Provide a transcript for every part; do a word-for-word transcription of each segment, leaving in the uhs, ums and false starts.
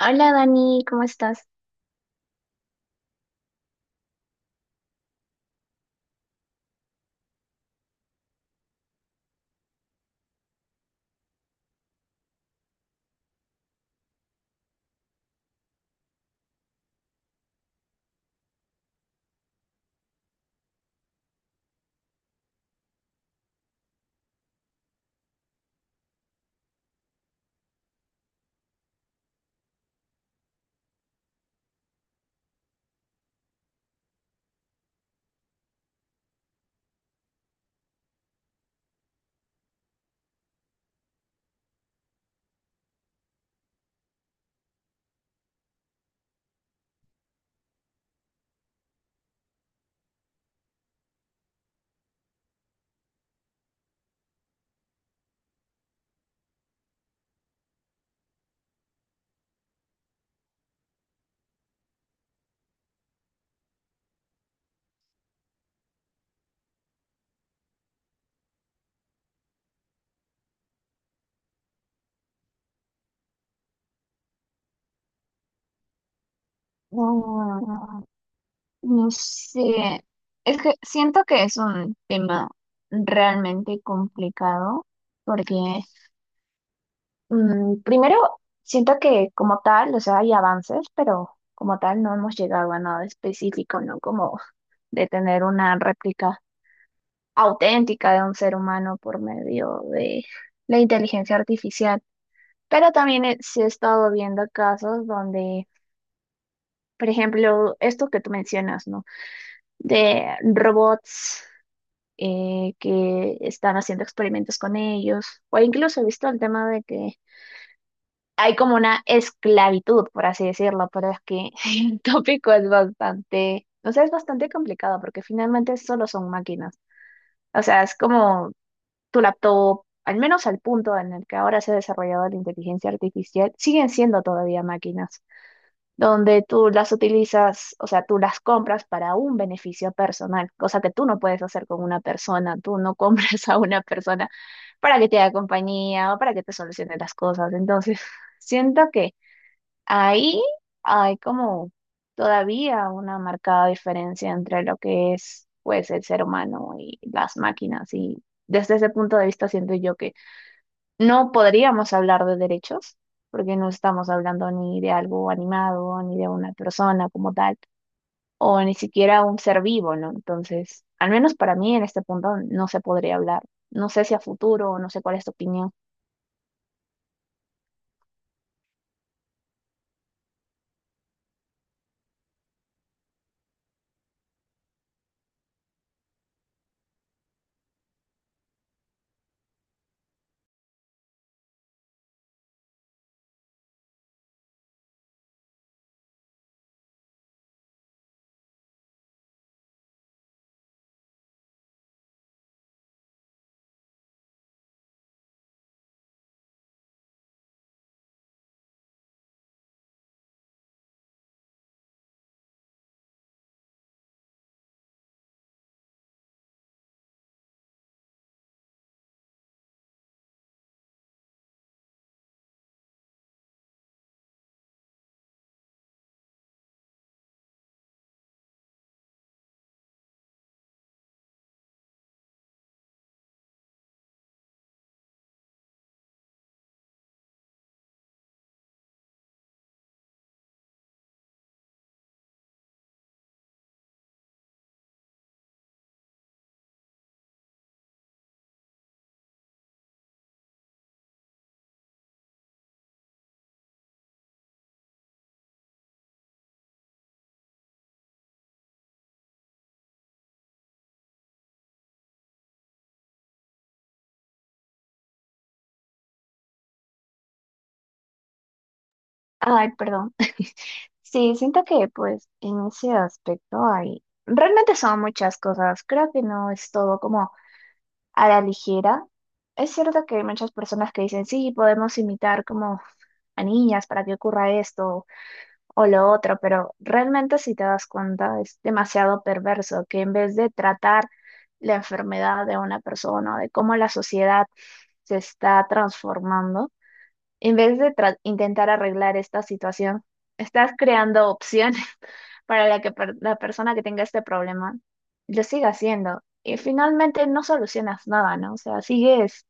Hola Dani, ¿cómo estás? Mm, No sé, es que siento que es un tema realmente complicado porque mm, primero siento que como tal, o sea, hay avances, pero como tal no hemos llegado a nada específico, ¿no? Como de tener una réplica auténtica de un ser humano por medio de la inteligencia artificial. Pero también he- sí he estado viendo casos donde, por ejemplo, esto que tú mencionas, ¿no? De robots eh, que están haciendo experimentos con ellos, o incluso he visto el tema de que hay como una esclavitud, por así decirlo, pero es que el tópico es bastante, o sea, es bastante complicado porque finalmente solo son máquinas. O sea, es como tu laptop, al menos al punto en el que ahora se ha desarrollado la inteligencia artificial, siguen siendo todavía máquinas, donde tú las utilizas, o sea, tú las compras para un beneficio personal, cosa que tú no puedes hacer con una persona, tú no compras a una persona para que te haga compañía o para que te solucione las cosas. Entonces, siento que ahí hay como todavía una marcada diferencia entre lo que es, pues, el ser humano y las máquinas. Y desde ese punto de vista siento yo que no podríamos hablar de derechos, porque no estamos hablando ni de algo animado, ni de una persona como tal, o ni siquiera un ser vivo, ¿no? Entonces, al menos para mí en este punto no se podría hablar. No sé si a futuro, no sé cuál es tu opinión. Ay, perdón. Sí, siento que pues en ese aspecto hay, realmente son muchas cosas, creo que no es todo como a la ligera. Es cierto que hay muchas personas que dicen, sí, podemos imitar como a niñas para que ocurra esto, o lo otro, pero realmente si te das cuenta es demasiado perverso que en vez de tratar la enfermedad de una persona, de cómo la sociedad se está transformando, en vez de tra- intentar arreglar esta situación, estás creando opciones para la que per- la persona que tenga este problema lo siga haciendo. Y finalmente no solucionas nada, ¿no? O sea, sigues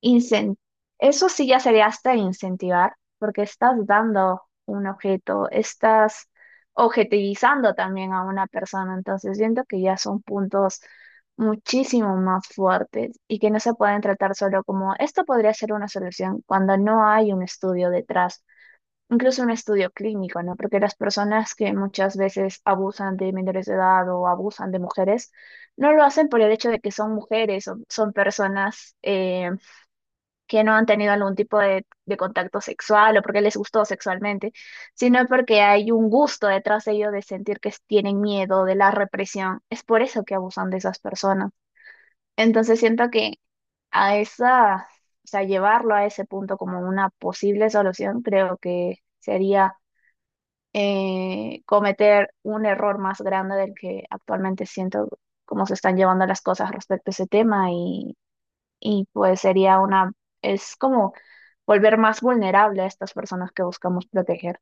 incen- eso sí ya sería hasta incentivar, porque estás dando un objeto, estás objetivizando también a una persona, entonces siento que ya son puntos muchísimo más fuertes y que no se pueden tratar solo como esto podría ser una solución cuando no hay un estudio detrás, incluso un estudio clínico, ¿no? Porque las personas que muchas veces abusan de menores de edad o abusan de mujeres, no lo hacen por el hecho de que son mujeres o son personas, eh, que no han tenido algún tipo de, de contacto sexual o porque les gustó sexualmente, sino porque hay un gusto detrás de ello de sentir que tienen miedo de la represión. Es por eso que abusan de esas personas. Entonces siento que a esa, o sea, llevarlo a ese punto como una posible solución, creo que sería, eh, cometer un error más grande del que actualmente siento cómo se están llevando las cosas respecto a ese tema, y pues sería una, es como volver más vulnerable a estas personas que buscamos proteger.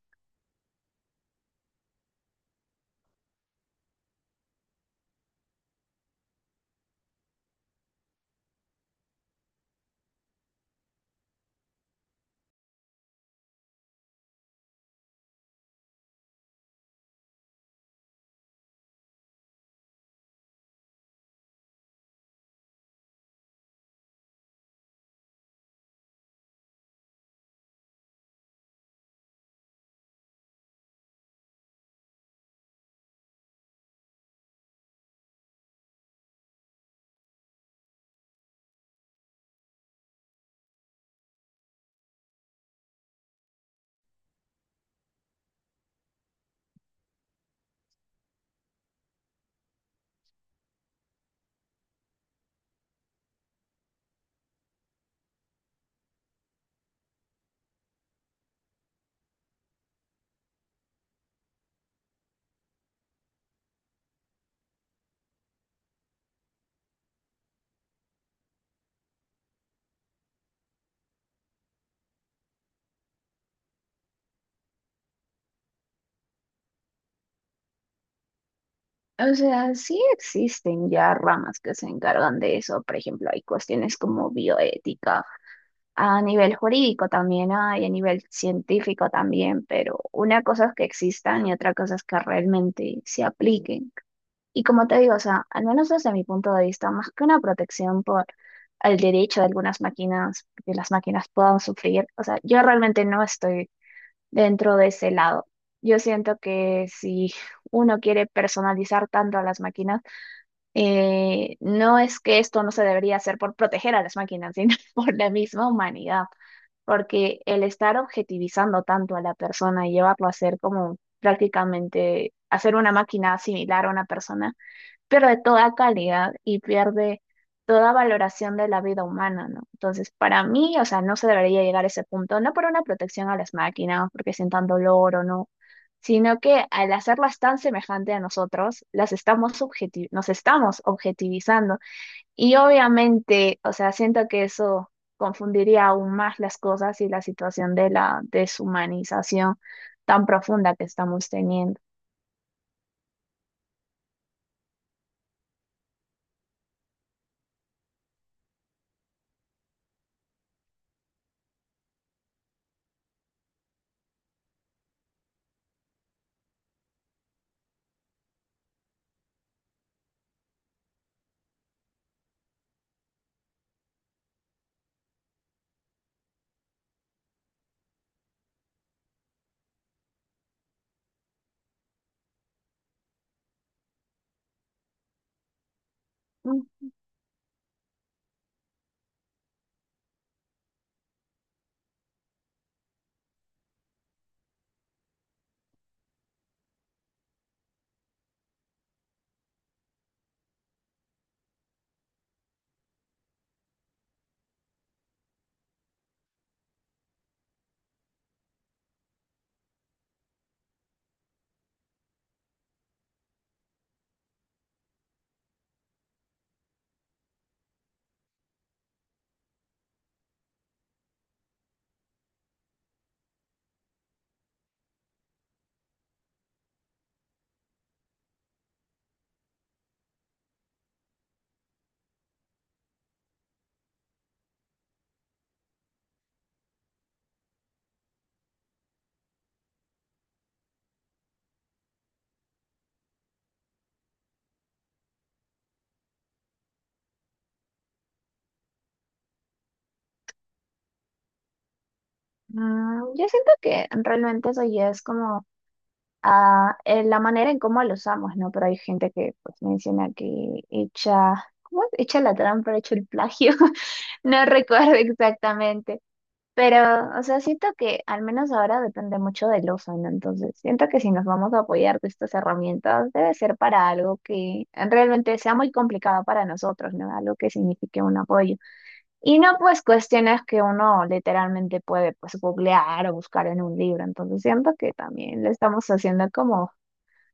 O sea, sí existen ya ramas que se encargan de eso, por ejemplo, hay cuestiones como bioética, a nivel jurídico también hay, a nivel científico también, pero una cosa es que existan y otra cosa es que realmente se apliquen. Y como te digo, o sea, al menos desde mi punto de vista, más que una protección por el derecho de algunas máquinas, que las máquinas puedan sufrir, o sea, yo realmente no estoy dentro de ese lado. Yo siento que si uno quiere personalizar tanto a las máquinas, eh, no es que esto no se debería hacer por proteger a las máquinas, sino por la misma humanidad, porque el estar objetivizando tanto a la persona y llevarlo a ser como prácticamente hacer una máquina similar a una persona pierde toda calidad y pierde toda valoración de la vida humana, ¿no? Entonces, para mí, o sea, no se debería llegar a ese punto, no por una protección a las máquinas, porque sientan dolor o no, sino que al hacerlas tan semejante a nosotros, las estamos subjeti- nos estamos objetivizando. Y obviamente, o sea, siento que eso confundiría aún más las cosas y la situación de la deshumanización tan profunda que estamos teniendo. Mm, yo siento que realmente eso ya es como ah, eh, la manera en cómo lo usamos, ¿no? Pero hay gente que pues menciona que echa, ¿cómo es? Echa la trampa, echa el plagio. No recuerdo exactamente. Pero, o sea, siento que al menos ahora depende mucho del uso, ¿no? Entonces, siento que si nos vamos a apoyar de estas herramientas, debe ser para algo que realmente sea muy complicado para nosotros, ¿no? Algo que signifique un apoyo. Y no, pues cuestiones que uno literalmente puede pues googlear o buscar en un libro. Entonces siento que también le estamos haciendo como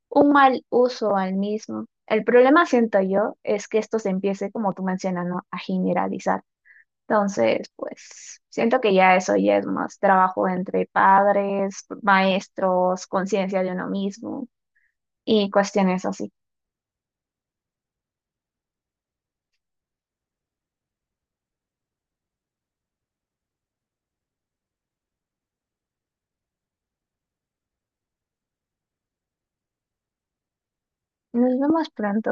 un mal uso al mismo. El problema, siento yo, es que esto se empiece, como tú mencionas, ¿no?, a generalizar. Entonces, pues siento que ya eso ya es más trabajo entre padres, maestros, conciencia de uno mismo y cuestiones así. Nos vemos pronto.